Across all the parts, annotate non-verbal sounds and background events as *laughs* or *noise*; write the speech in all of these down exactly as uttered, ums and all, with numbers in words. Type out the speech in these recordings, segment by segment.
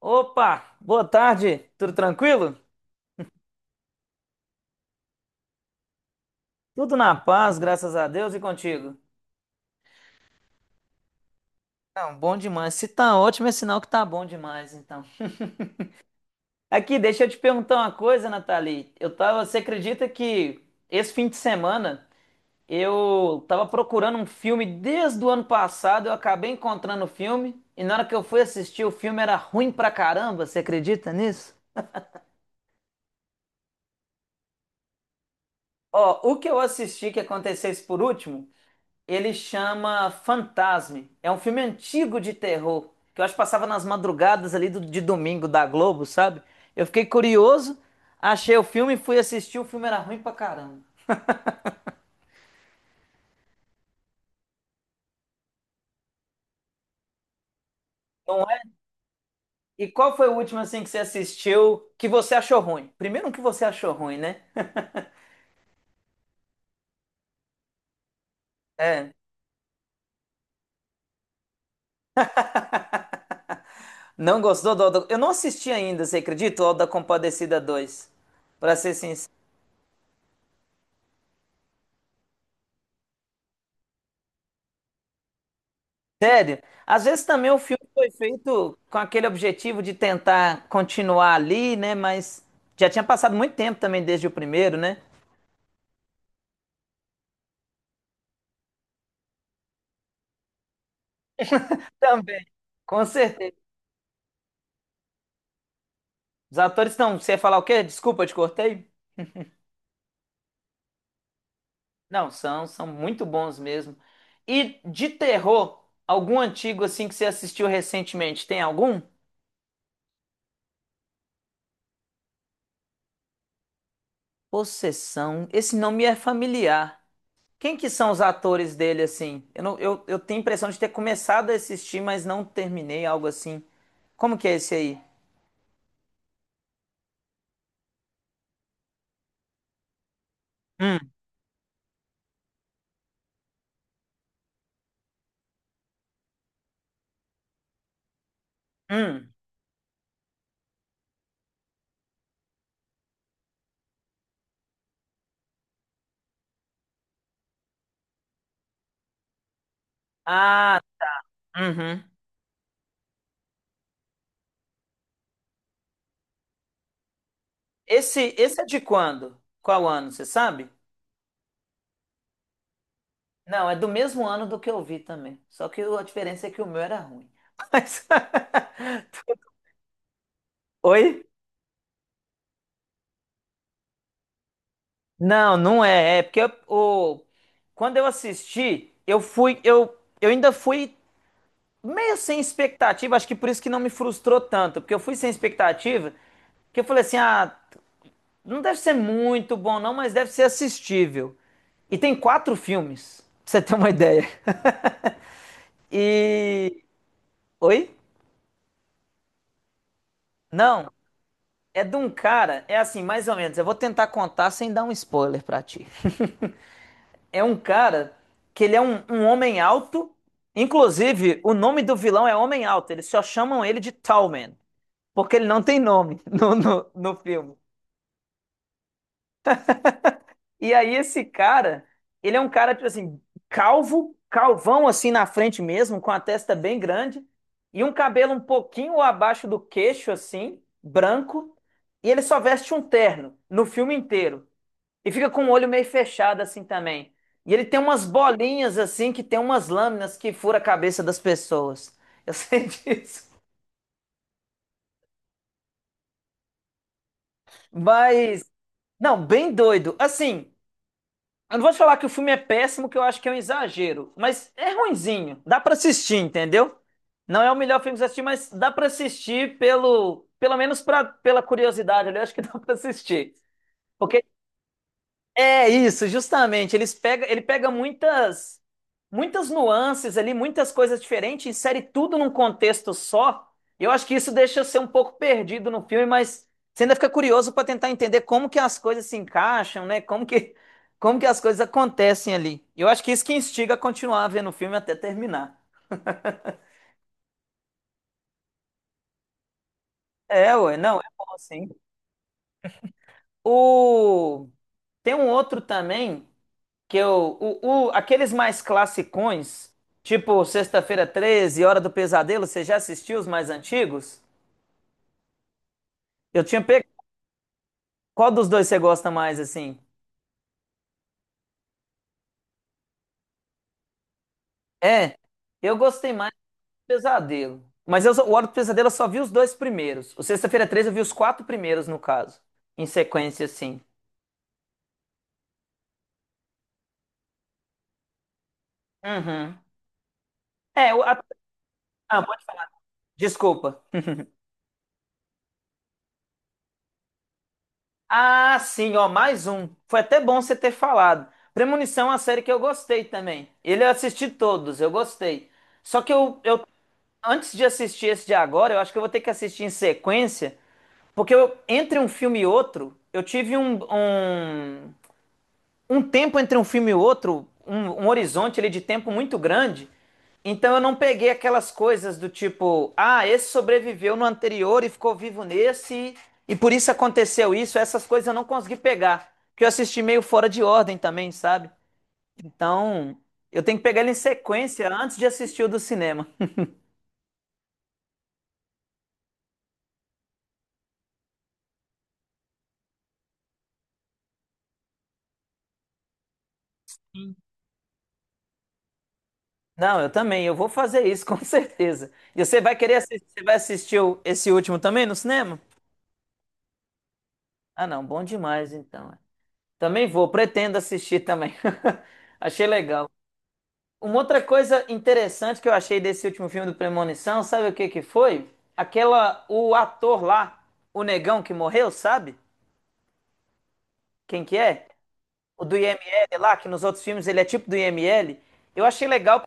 Opa, boa tarde, tudo tranquilo? Tudo na paz, graças a Deus e contigo. Não, bom demais. Se tá ótimo, é sinal que tá bom demais, então. Aqui, deixa eu te perguntar uma coisa, Nathalie. Eu tava, você acredita que esse fim de semana eu tava procurando um filme desde o ano passado, eu acabei encontrando o filme e na hora que eu fui assistir, o filme era ruim pra caramba, você acredita nisso? Ó, o que eu assisti que acontecesse por último. Ele chama Fantasme. É um filme antigo de terror, que eu acho que passava nas madrugadas ali do- de domingo da Globo, sabe? Eu fiquei curioso, achei o filme, fui assistir, o filme era ruim pra caramba. Não é? E qual foi o último assim que você assistiu que você achou ruim? Primeiro um que você achou ruim, né? *laughs* É. Não gostou do Auto... Eu não assisti ainda, você acredita? O Auto da Compadecida dois. Pra ser sincero. Sério? Às vezes também o filme foi feito com aquele objetivo de tentar continuar ali, né? Mas já tinha passado muito tempo também desde o primeiro, né? Também. Com certeza. Os atores estão. Você ia falar o quê? Desculpa, eu te cortei? Não, são, são muito bons mesmo. E de terror, algum antigo assim que você assistiu recentemente? Tem algum? Possessão. Esse nome é familiar. Quem que são os atores dele, assim? Eu, não- eu, eu tenho a impressão de ter começado a assistir, mas não terminei, algo assim. Como que é esse aí? Hum, hum. Ah, uhum. Esse, esse é de quando? Qual ano, você sabe? Não, é do mesmo ano do que eu vi também. Só que a diferença é que o meu era ruim. *laughs* Mas... Oi? Não, não é. É porque eu- o... quando eu assisti, eu fui, eu, eu ainda fui meio sem expectativa, acho que por isso que não me frustrou tanto, porque eu fui sem expectativa, que eu falei assim, ah, não deve ser muito bom não, mas deve ser assistível. E tem quatro filmes, *laughs* pra você ter uma ideia. *laughs* E... Oi? Não, é de um cara, é assim, mais ou menos, eu vou tentar contar sem dar um spoiler pra ti. É um cara que ele é um, um homem alto, inclusive o nome do vilão é Homem Alto, eles só chamam ele de Tall Man, porque ele não tem nome *laughs* no, no, no filme. E aí esse cara, ele é um cara, tipo assim, calvo, calvão assim na frente mesmo, com a testa bem grande, e um cabelo um pouquinho abaixo do queixo, assim, branco, e ele só veste um terno no filme inteiro. E fica com o olho meio fechado assim também. E ele tem umas bolinhas assim, que tem umas lâminas que fura a cabeça das pessoas. Eu sei *laughs* disso. Mas, não, bem doido. Assim, eu não vou te falar que o filme é péssimo, que eu acho que é um exagero, mas é ruinzinho. Dá pra assistir, entendeu? Não é o melhor filme que você assistir, mas dá pra assistir pelo, pelo menos pra, pela curiosidade ali, eu acho que *laughs* dá pra assistir. Porque é isso, justamente. Eles pega, ele pega muitas muitas nuances ali, muitas coisas diferentes, insere tudo num contexto só. E eu acho que isso deixa você um pouco perdido no filme, mas você ainda fica curioso para tentar entender como que as coisas se encaixam, né? Como que como que as coisas acontecem ali. E eu acho que isso que instiga a continuar vendo o filme até terminar. É, ué, não, é bom assim. O tem um outro também. Que eu, o, o- Aqueles mais classicões, tipo Sexta-feira Treze, Hora do Pesadelo, você já assistiu os mais antigos? Eu tinha pego. Qual dos dois você gosta mais, assim? É, eu gostei mais do Pesadelo. Mas eu, só- o Hora do Pesadelo eu só vi os dois primeiros. O Sexta-feira Treze eu vi os quatro primeiros, no caso. Em sequência, assim. Uhum. É, o, a- ah, pode- desculpa. Ah, sim, ó, mais um. Foi até bom você ter falado. Premonição é uma série que eu gostei também. Ele eu assisti todos, eu gostei. Só que eu, eu antes de assistir esse de agora, eu acho que eu vou ter que assistir em sequência, porque eu, entre um filme e outro, eu tive um, um um tempo entre um filme e outro, um, um horizonte ali de tempo muito grande. Então eu não peguei aquelas coisas do tipo, ah, esse sobreviveu no anterior e ficou vivo nesse, e por isso aconteceu isso. Essas coisas eu não consegui pegar, porque eu assisti meio fora de ordem também, sabe? Então eu tenho que pegar ele em sequência antes de assistir o do cinema. Não, eu também, eu vou fazer isso, *laughs* com certeza. E você vai querer assistir, você vai assistir o- esse último também no cinema? Ah, não, bom demais então. Também vou, pretendo assistir também. *laughs* Achei legal. Uma outra coisa interessante que eu achei desse último filme do Premonição, sabe o que que foi? Aquela, o ator lá, o negão que morreu, sabe? Quem que é? O do I M L lá, que nos outros filmes ele é tipo do I M L. Eu achei legal,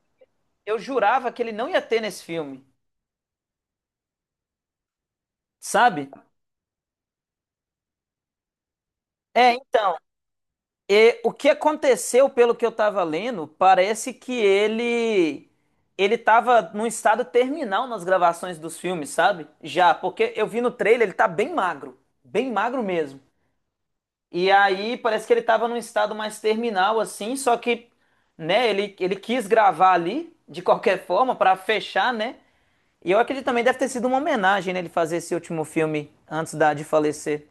eu jurava que ele não ia ter nesse filme, sabe? É, então e o que aconteceu, pelo que eu estava lendo, parece que ele ele estava num estado terminal nas gravações dos filmes, sabe? Já, porque eu vi no trailer, ele tá bem magro, bem magro mesmo. E aí parece que ele estava num estado mais terminal assim, só que, né, ele ele quis gravar ali de qualquer forma para fechar, né? E eu acredito também deve ter sido uma homenagem, né, ele fazer esse último filme antes da de falecer.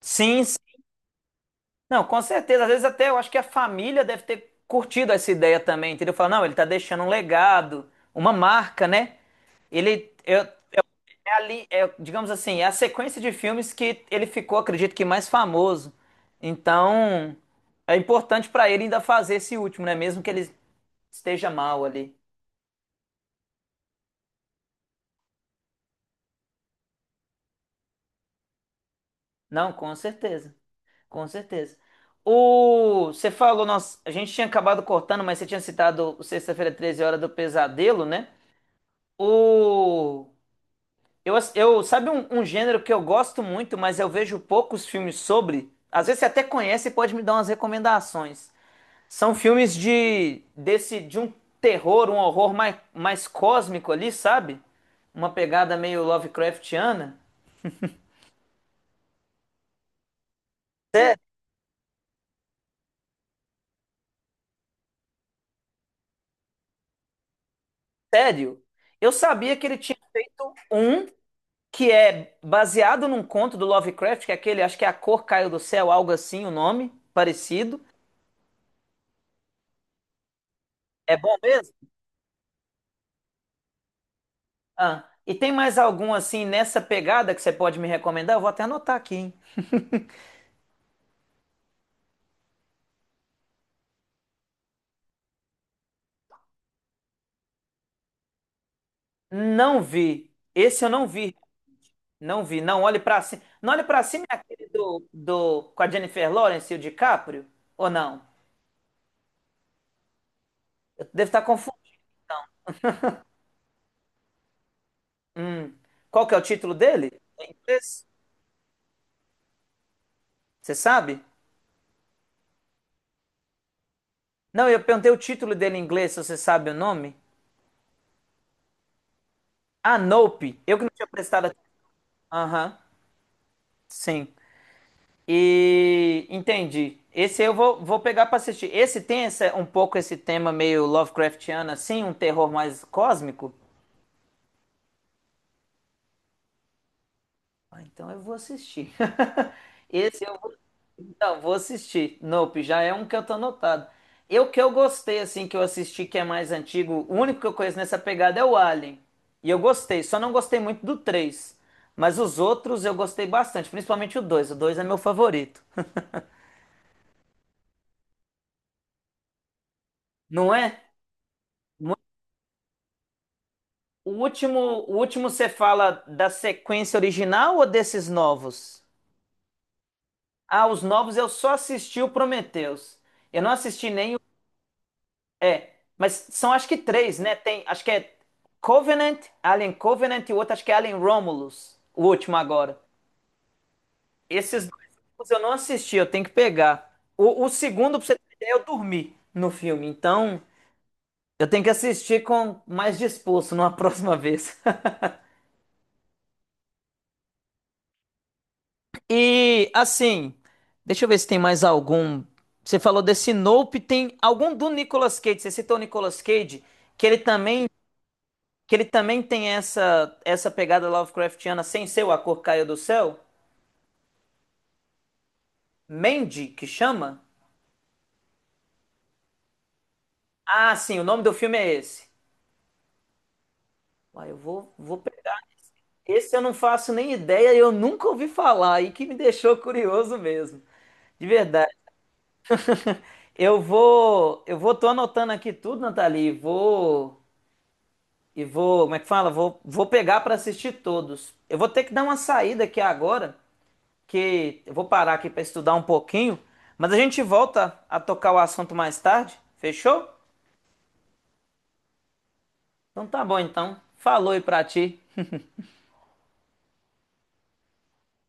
Sim, não, com certeza. Às vezes até eu acho que a família deve ter curtido essa ideia também, entendeu? Falar, não, ele tá deixando um legado, uma marca, né? Ele eu- é ali, é, digamos assim, é a sequência de filmes que ele ficou, acredito que mais famoso. Então, é importante pra ele ainda fazer esse último, né? Mesmo que ele esteja mal ali. Não, com certeza. Com certeza. O, você falou, nós, a gente tinha acabado cortando, mas você tinha citado o Sexta-feira Treze, Hora do Pesadelo, né? O Eu, ass- eu sabe um, um gênero que eu gosto muito, mas eu vejo poucos filmes sobre. Às vezes você até conhece e pode me dar umas recomendações. São filmes de desse de um terror, um horror mais, mais cósmico ali, sabe? Uma pegada meio Lovecraftiana. Sério? Eu sabia que ele tinha feito um que é baseado num conto do Lovecraft, que é aquele, acho que é A Cor Caiu do Céu, algo assim, o nome parecido. É bom mesmo? Ah, e tem mais algum assim nessa pegada que você pode me recomendar? Eu vou até anotar aqui, hein? *laughs* Não vi. Esse eu não vi. Não vi. Não olhe pra cima. Não olhe pra cima é aquele do, do com a Jennifer Lawrence e o DiCaprio? Ou não? Eu devo estar confundindo. Hum. Qual que é o título dele? Em inglês? Você sabe? Não, eu perguntei o título dele em inglês, se você sabe o nome. Ah, Nope. Eu que não tinha prestado atenção. Aham. Sim. E entendi. Esse eu vou, vou pegar pra assistir. Esse tem essa, um pouco esse tema meio Lovecraftiano, assim, um terror mais cósmico? Ah, então eu vou assistir. *laughs* Esse eu vou, não, vou assistir. Nope, já é um que eu tô anotado. Eu que eu gostei, assim, que eu assisti, que é mais antigo, o único que eu conheço nessa pegada é o Alien. E eu gostei, só não gostei muito do três. Mas os outros eu gostei bastante, principalmente o dois. O dois é meu favorito. Não é? O último, o último você fala da sequência original ou desses novos? Ah, os novos eu só assisti o Prometheus. Eu não assisti nem o. É, mas são acho que três, né? Tem, acho que é Covenant, Alien Covenant e o outro acho que é Alien Romulus, o último agora. Esses dois últimos eu não assisti, eu tenho que pegar. O, o segundo, pra você ter ideia, eu dormi no filme. Então, eu tenho que assistir com mais disposto numa próxima vez. *laughs* E assim, deixa eu ver se tem mais algum. Você falou desse Nope, tem algum do Nicolas Cage? Você citou o Nicolas Cage, que ele também, que ele também tem essa essa pegada Lovecraftiana sem ser o A Cor Caiu do Céu? Mandy, que chama? Ah, sim, o nome do filme é esse. Uai, eu vou, vou pegar. Esse eu não faço nem ideia, eu nunca ouvi falar, e que me deixou curioso mesmo. De verdade. *laughs* Eu vou, eu vou, tô anotando aqui tudo, Nathalie. E vou. E vou, como é que fala? Vou, vou pegar para assistir todos. Eu vou ter que dar uma saída aqui agora, que eu vou parar aqui para estudar um pouquinho, mas a gente volta a tocar o assunto mais tarde, fechou? Então tá bom então. Falou aí pra ti.